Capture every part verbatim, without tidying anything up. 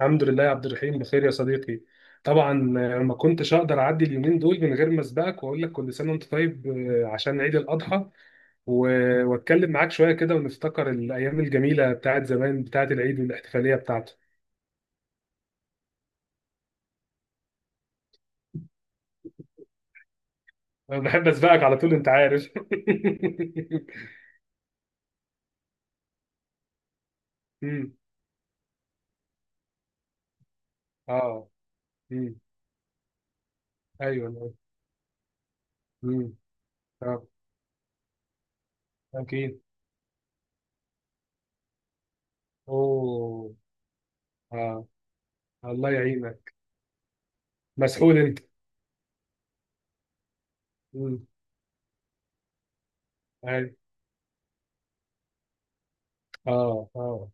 الحمد لله يا عبد الرحيم، بخير يا صديقي. طبعا. آه، ما كنتش اقدر اعدي اليومين دول من غير ما اسبقك واقول لك كل سنه وانت طيب، آه، عشان عيد الاضحى. و- واتكلم معاك شويه كده ونفتكر الايام الجميله بتاعت زمان، بتاعت العيد والاحتفاليه بتاعته. انا بحب اسبقك على طول، انت عارف. امم اه. امم ايوه. امم اه. اكيد. اوه. اه. الله يعينك. مسحول انت. امم ايوه. اه. اه.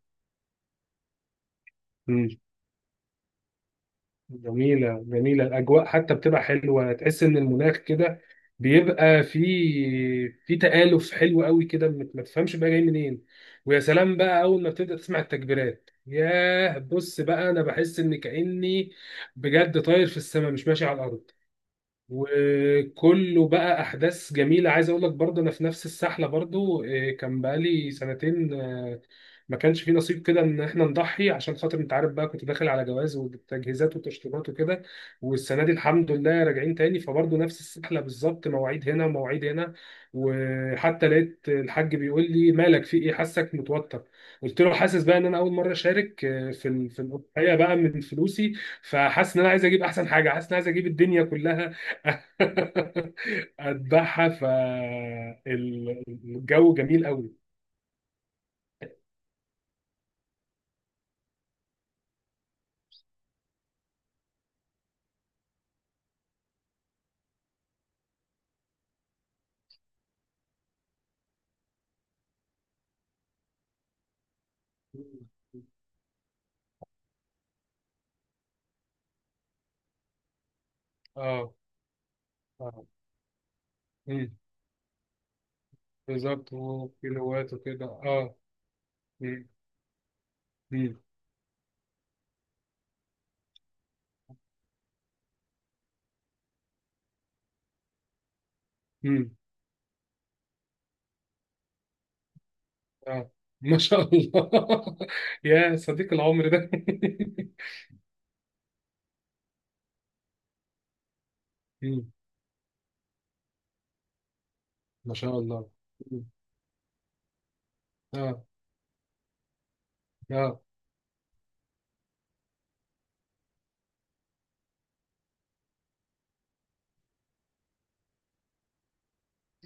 جميلة جميلة، الأجواء حتى بتبقى حلوة، تحس إن المناخ كده بيبقى في، في تآلف حلو قوي كده، ما ما تفهمش بقى جاي منين. ويا سلام بقى، أول ما بتبدأ تسمع التكبيرات، ياه، بص بقى، أنا بحس إن كأني بجد طاير في السماء مش ماشي على الأرض. وكله بقى احداث جميله. عايز اقول لك برضه انا في نفس السحله برضه، آه، كان بقالي سنتين آه، ما كانش في نصيب كده ان احنا نضحي، عشان خاطر انت عارف بقى كنت داخل على جواز والتجهيزات والتشطيبات وكده. والسنه دي الحمد لله راجعين تاني، فبرضه نفس السحله بالظبط، مواعيد هنا ومواعيد هنا. وحتى لقيت الحاج بيقول لي مالك، في ايه، حاسك متوتر. قلت له حاسس بقى ان انا اول مره اشارك، آه، في ال- في الاضحيه بقى من فلوسي. فحاسس ان انا عايز اجيب احسن حاجه، حاسس ان انا عايز اجيب الدنيا كلها اتبعها. فالجو جميل قوي. اه اه. مم. بالظبط، وكيلوات وكده، اه. مم. مم. مم. اه. ما شاء الله يا صديق العمر ده. مم. ما شاء الله. مم. اه اه.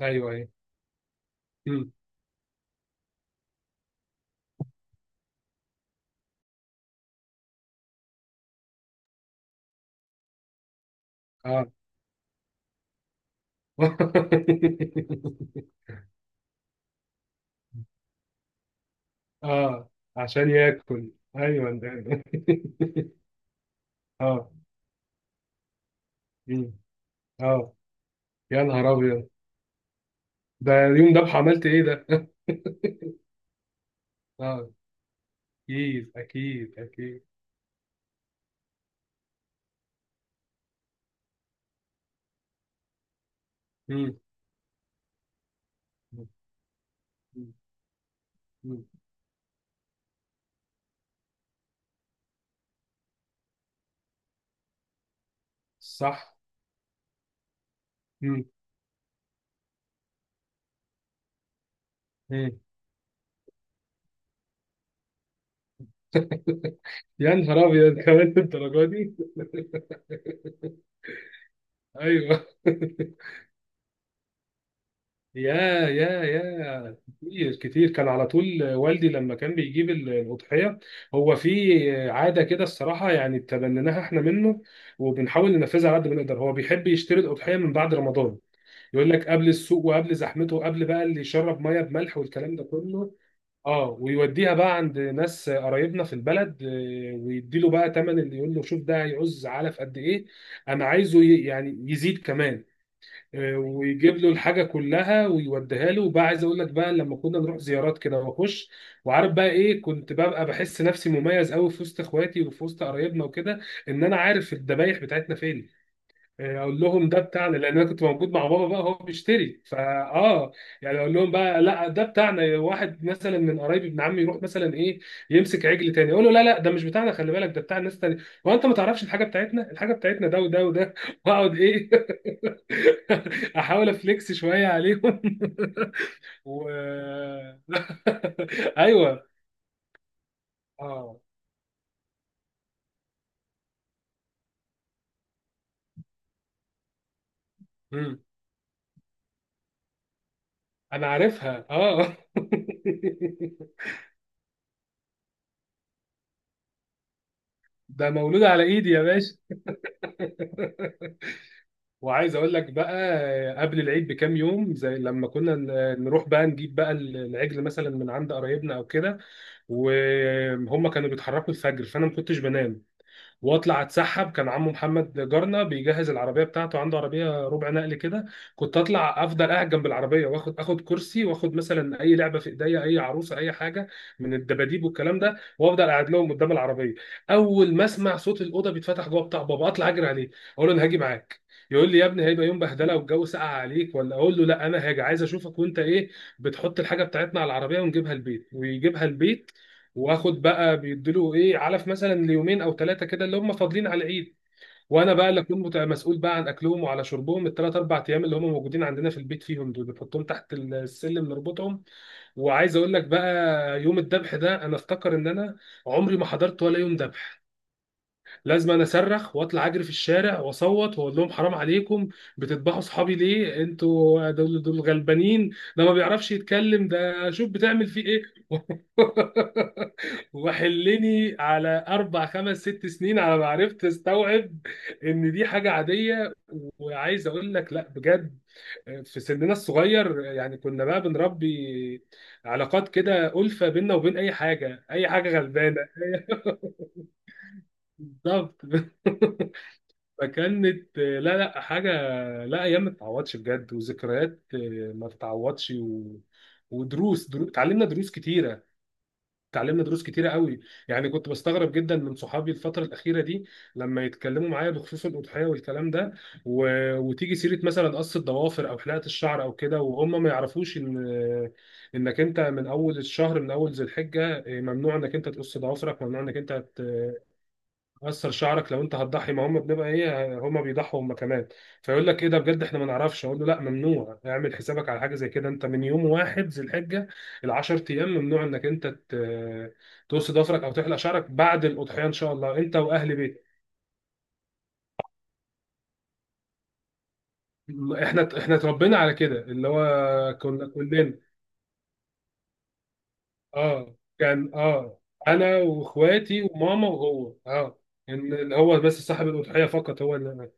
ايوه ايوه. مم. اه اه. عشان ياكل. ايوه ده. اه. مم. اه. يا نهار ابيض، ده اليوم ده عملت ايه ده؟ اه، اكيد اكيد اكيد. مم. مم. مم. صح. مم. مم. يا نهار ابيض كمان الدرجه دي. ايوه. يا. يا. يا كتير كتير، كان على طول والدي لما كان بيجيب ال- الأضحية. هو في عادة كده الصراحة يعني تبنيناها احنا منه، وبنحاول ننفذها على قد ما نقدر. هو بيحب يشتري الأضحية من بعد رمضان. يقول لك قبل السوق وقبل زحمته وقبل بقى اللي يشرب ميه بملح والكلام ده كله. اه. ويوديها بقى عند ناس قرايبنا في البلد، آه، ويديله بقى تمن، اللي يقول له شوف ده هيعوز علف قد ايه، انا عايزه ي- يعني يزيد كمان. آه، ويجيب له الحاجه كلها ويوديها له. وبقى عايز اقول لك بقى، لما كنا نروح زيارات كده واخش، وعارف بقى ايه، كنت ببقى بحس نفسي مميز قوي في وسط اخواتي وفي وسط قرايبنا وكده، ان انا عارف الذبايح بتاعتنا فين. اقول لهم ده بتاعنا، لان انا كنت موجود مع بابا بقى هو بيشتري، فا. اه. يعني اقول لهم بقى لا ده بتاعنا. واحد مثلا من قرايبي، ابن عمي، يروح مثلا ايه، يمسك عجل تاني، اقول له لا لا ده مش بتاعنا، خلي بالك ده بتاع ناس تاني. هو انت ما تعرفش الحاجه بتاعتنا، الحاجه بتاعتنا ده وده وده واقعد ايه. احاول افليكس شويه عليهم. و. ايوه. اه. مم. انا عارفها، اه. ده مولود على ايدي يا. وعايز اقول لك بقى، آه، قبل العيد بكام يوم، زي لما كنا ن- نروح بقى نجيب بقى ال- العجل مثلا من عند قرايبنا او كده. وهم كانوا بيتحركوا الفجر، فانا ما كنتش بنام. واطلع اتسحب، كان عمو محمد جارنا بيجهز العربيه بتاعته، عنده عربيه ربع نقل كده. كنت اطلع افضل قاعد جنب العربيه، واخد، اخد كرسي، واخد مثلا اي لعبه في ايديا، اي عروسه، اي حاجه من الدباديب والكلام ده، وافضل قاعد لهم قدام العربيه. اول ما اسمع صوت الاوضه بيتفتح جوه بتاع بابا، اطلع اجري عليه، اقول له انا هاجي معاك. يقول لي يا ابني هيبقى يوم بهدله والجو ساقع عليك، ولا اقول له لا، انا هاجي، عايز اشوفك وانت ايه. بتحط الحاجه بتاعتنا على العربيه ونجيبها البيت ويجيبها البيت. واخد بقى بيديله ايه، علف مثلا ليومين او ثلاثه كده اللي هم فاضلين على العيد. وانا بقى اللي اكون مت- مسؤول بقى عن اكلهم وعلى شربهم الثلاث اربع ايام اللي هم موجودين عندنا في البيت، فيهم دول بنحطهم تحت السلم نربطهم. وعايز اقول لك بقى، يوم الذبح ده انا افتكر ان انا عمري ما حضرت ولا يوم ذبح. لازم انا اصرخ واطلع اجري في الشارع واصوت واقول لهم حرام عليكم، بتذبحوا صحابي ليه، انتوا دول دول غلبانين، ده ما بيعرفش يتكلم، ده شوف بتعمل فيه ايه. وحلني على اربع خمس ست سنين على ما عرفت استوعب ان دي حاجه عاديه. وعايز اقول لك لا بجد، في سننا الصغير يعني كنا بقى بنربي علاقات كده، ألفة بيننا وبين اي حاجه، اي حاجه غلبانه. بالظبط. فكانت، آه، لا لا حاجه، لا، ايام ما تتعوضش بجد، وذكريات آه، ما تتعوضش. و... ودروس درو... اتعلمنا دروس كتيره. اتعلمنا دروس كتيره قوي. يعني كنت بستغرب جدا من صحابي الفتره الاخيره دي لما يتكلموا معايا بخصوص الاضحيه والكلام ده. و... وتيجي سيره مثلا قص الضوافر او حلقه الشعر او كده، وهم ما يعرفوش ان انك انت من اول الشهر، من اول ذي الحجه، آه، ممنوع انك انت تقص ضوافرك، ممنوع انك انت قصر شعرك لو انت هتضحي. ما هم بنبقى ايه، هم بيضحوا هم كمان. فيقول لك ايه ده بجد، احنا ما نعرفش. اقول له لا ممنوع، اعمل حسابك على حاجه زي كده، انت من يوم واحد ذي الحجه ال عشر ايام ممنوع انك انت ت- تقص ضفرك او تحلق شعرك بعد الاضحيه ان شاء الله انت واهل بيتك. احنا احنا اتربينا على كده، اللي هو كنا كلنا اه، كان اه، انا واخواتي وماما وهو، اه، ان اللي هو بس صاحب الاضحيه فقط هو اللي.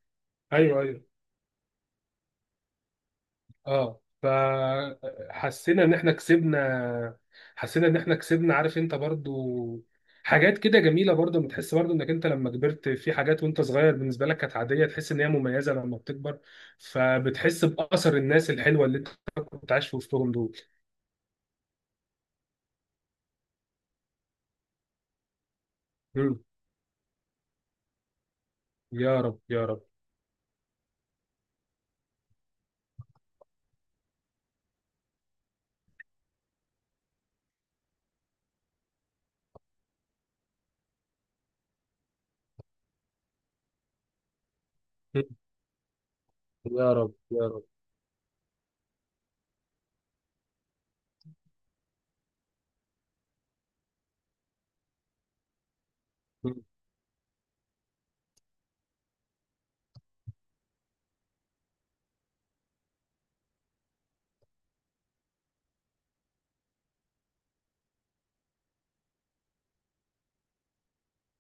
ايوه ايوه. اه. فحسينا ان احنا كسبنا. حسينا ان احنا كسبنا، عارف انت برضو، حاجات كده جميله برضو. بتحس برضو انك انت لما كبرت في حاجات، وانت صغير بالنسبه لك كانت عاديه، تحس ان هي مميزه لما بتكبر. فبتحس باثر الناس الحلوه اللي انت كنت عايش في وسطهم دول. مم. يا رب يا رب. مم. يا رب يا رب. مم.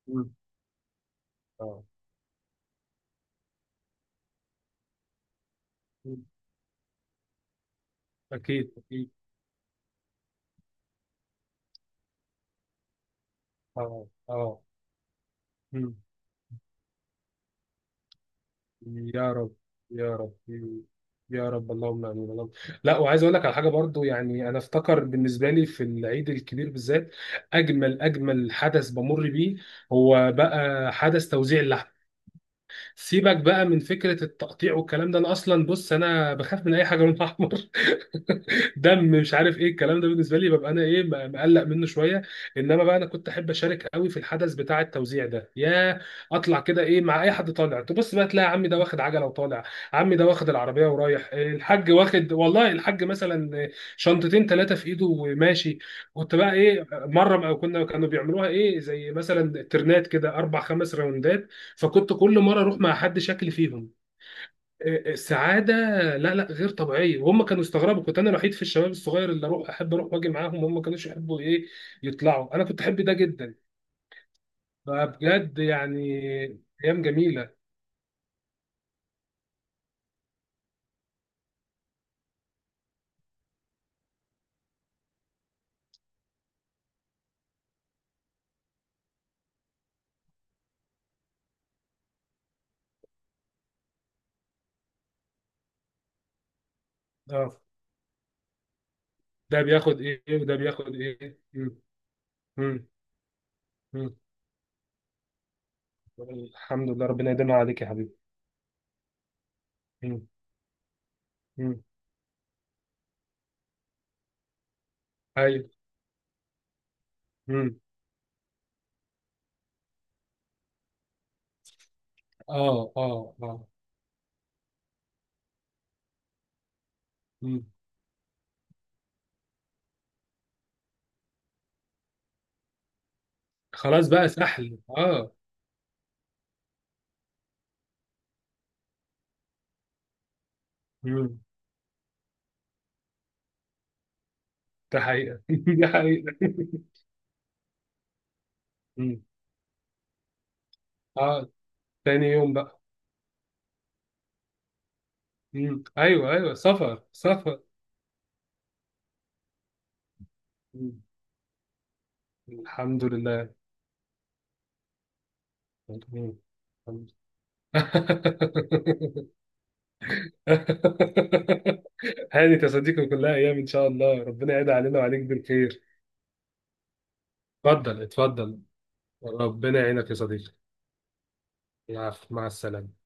مم. اه. مم. اكيد اكيد. اه اه. مم. يا رب يا رب. يا رب اللهم امين اللهم. لا، وعايز اقول لك على حاجه برضو. يعني انا افتكر بالنسبه لي في العيد الكبير بالذات، اجمل اجمل حدث بمر بيه هو بقى حدث توزيع اللحم. سيبك بقى من فكره التقطيع والكلام ده، انا اصلا بص انا بخاف من اي حاجه لونها احمر، دم مش عارف ايه الكلام ده، بالنسبه لي ببقى انا ايه م- مقلق منه شويه. انما بقى انا كنت احب اشارك قوي في الحدث بتاع التوزيع ده يا. اطلع كده ايه مع اي حد طالع، تبص بقى تلاقي عمي ده واخد عجله وطالع، عمي ده واخد العربيه ورايح الحاج واخد، والله الحاج مثلا شنطتين ثلاثه في ايده وماشي. كنت بقى ايه، مره أو كنا، كانوا بيعملوها ايه زي مثلا ترنات كده، اربع خمس راوندات. فكنت كل مره اروح مع حد، شكل فيهم سعاده لا لا غير طبيعيه. وهم كانوا استغربوا، كنت انا الوحيد في الشباب الصغير اللي اروح، احب اروح واجي معاهم، هم ما كانوش يحبوا ايه يطلعوا، انا كنت احب ده جدا. فبجد يعني، ايام جميله. اه، ده بياخد ايه وده بياخد ايه. مم. مم. مم. الحمد لله، ربنا يديمها عليك يا حبيبي. مم. مم. ايوه. مم. اه اه اه. مم. خلاص بقى سحل، اه. مم. ده حقيقه. ده حقيقه. مم. اه. تاني يوم بقى. مم. ايوه ايوه، سفر سفر. مم. الحمد لله. مم. الحمد لله. هانت يا صديقي، كلها ايام ان شاء الله، ربنا يعيد علينا وعليك بالخير. اتفضل اتفضل. ربنا يعينك يا صديقي. العفو، مع السلامه.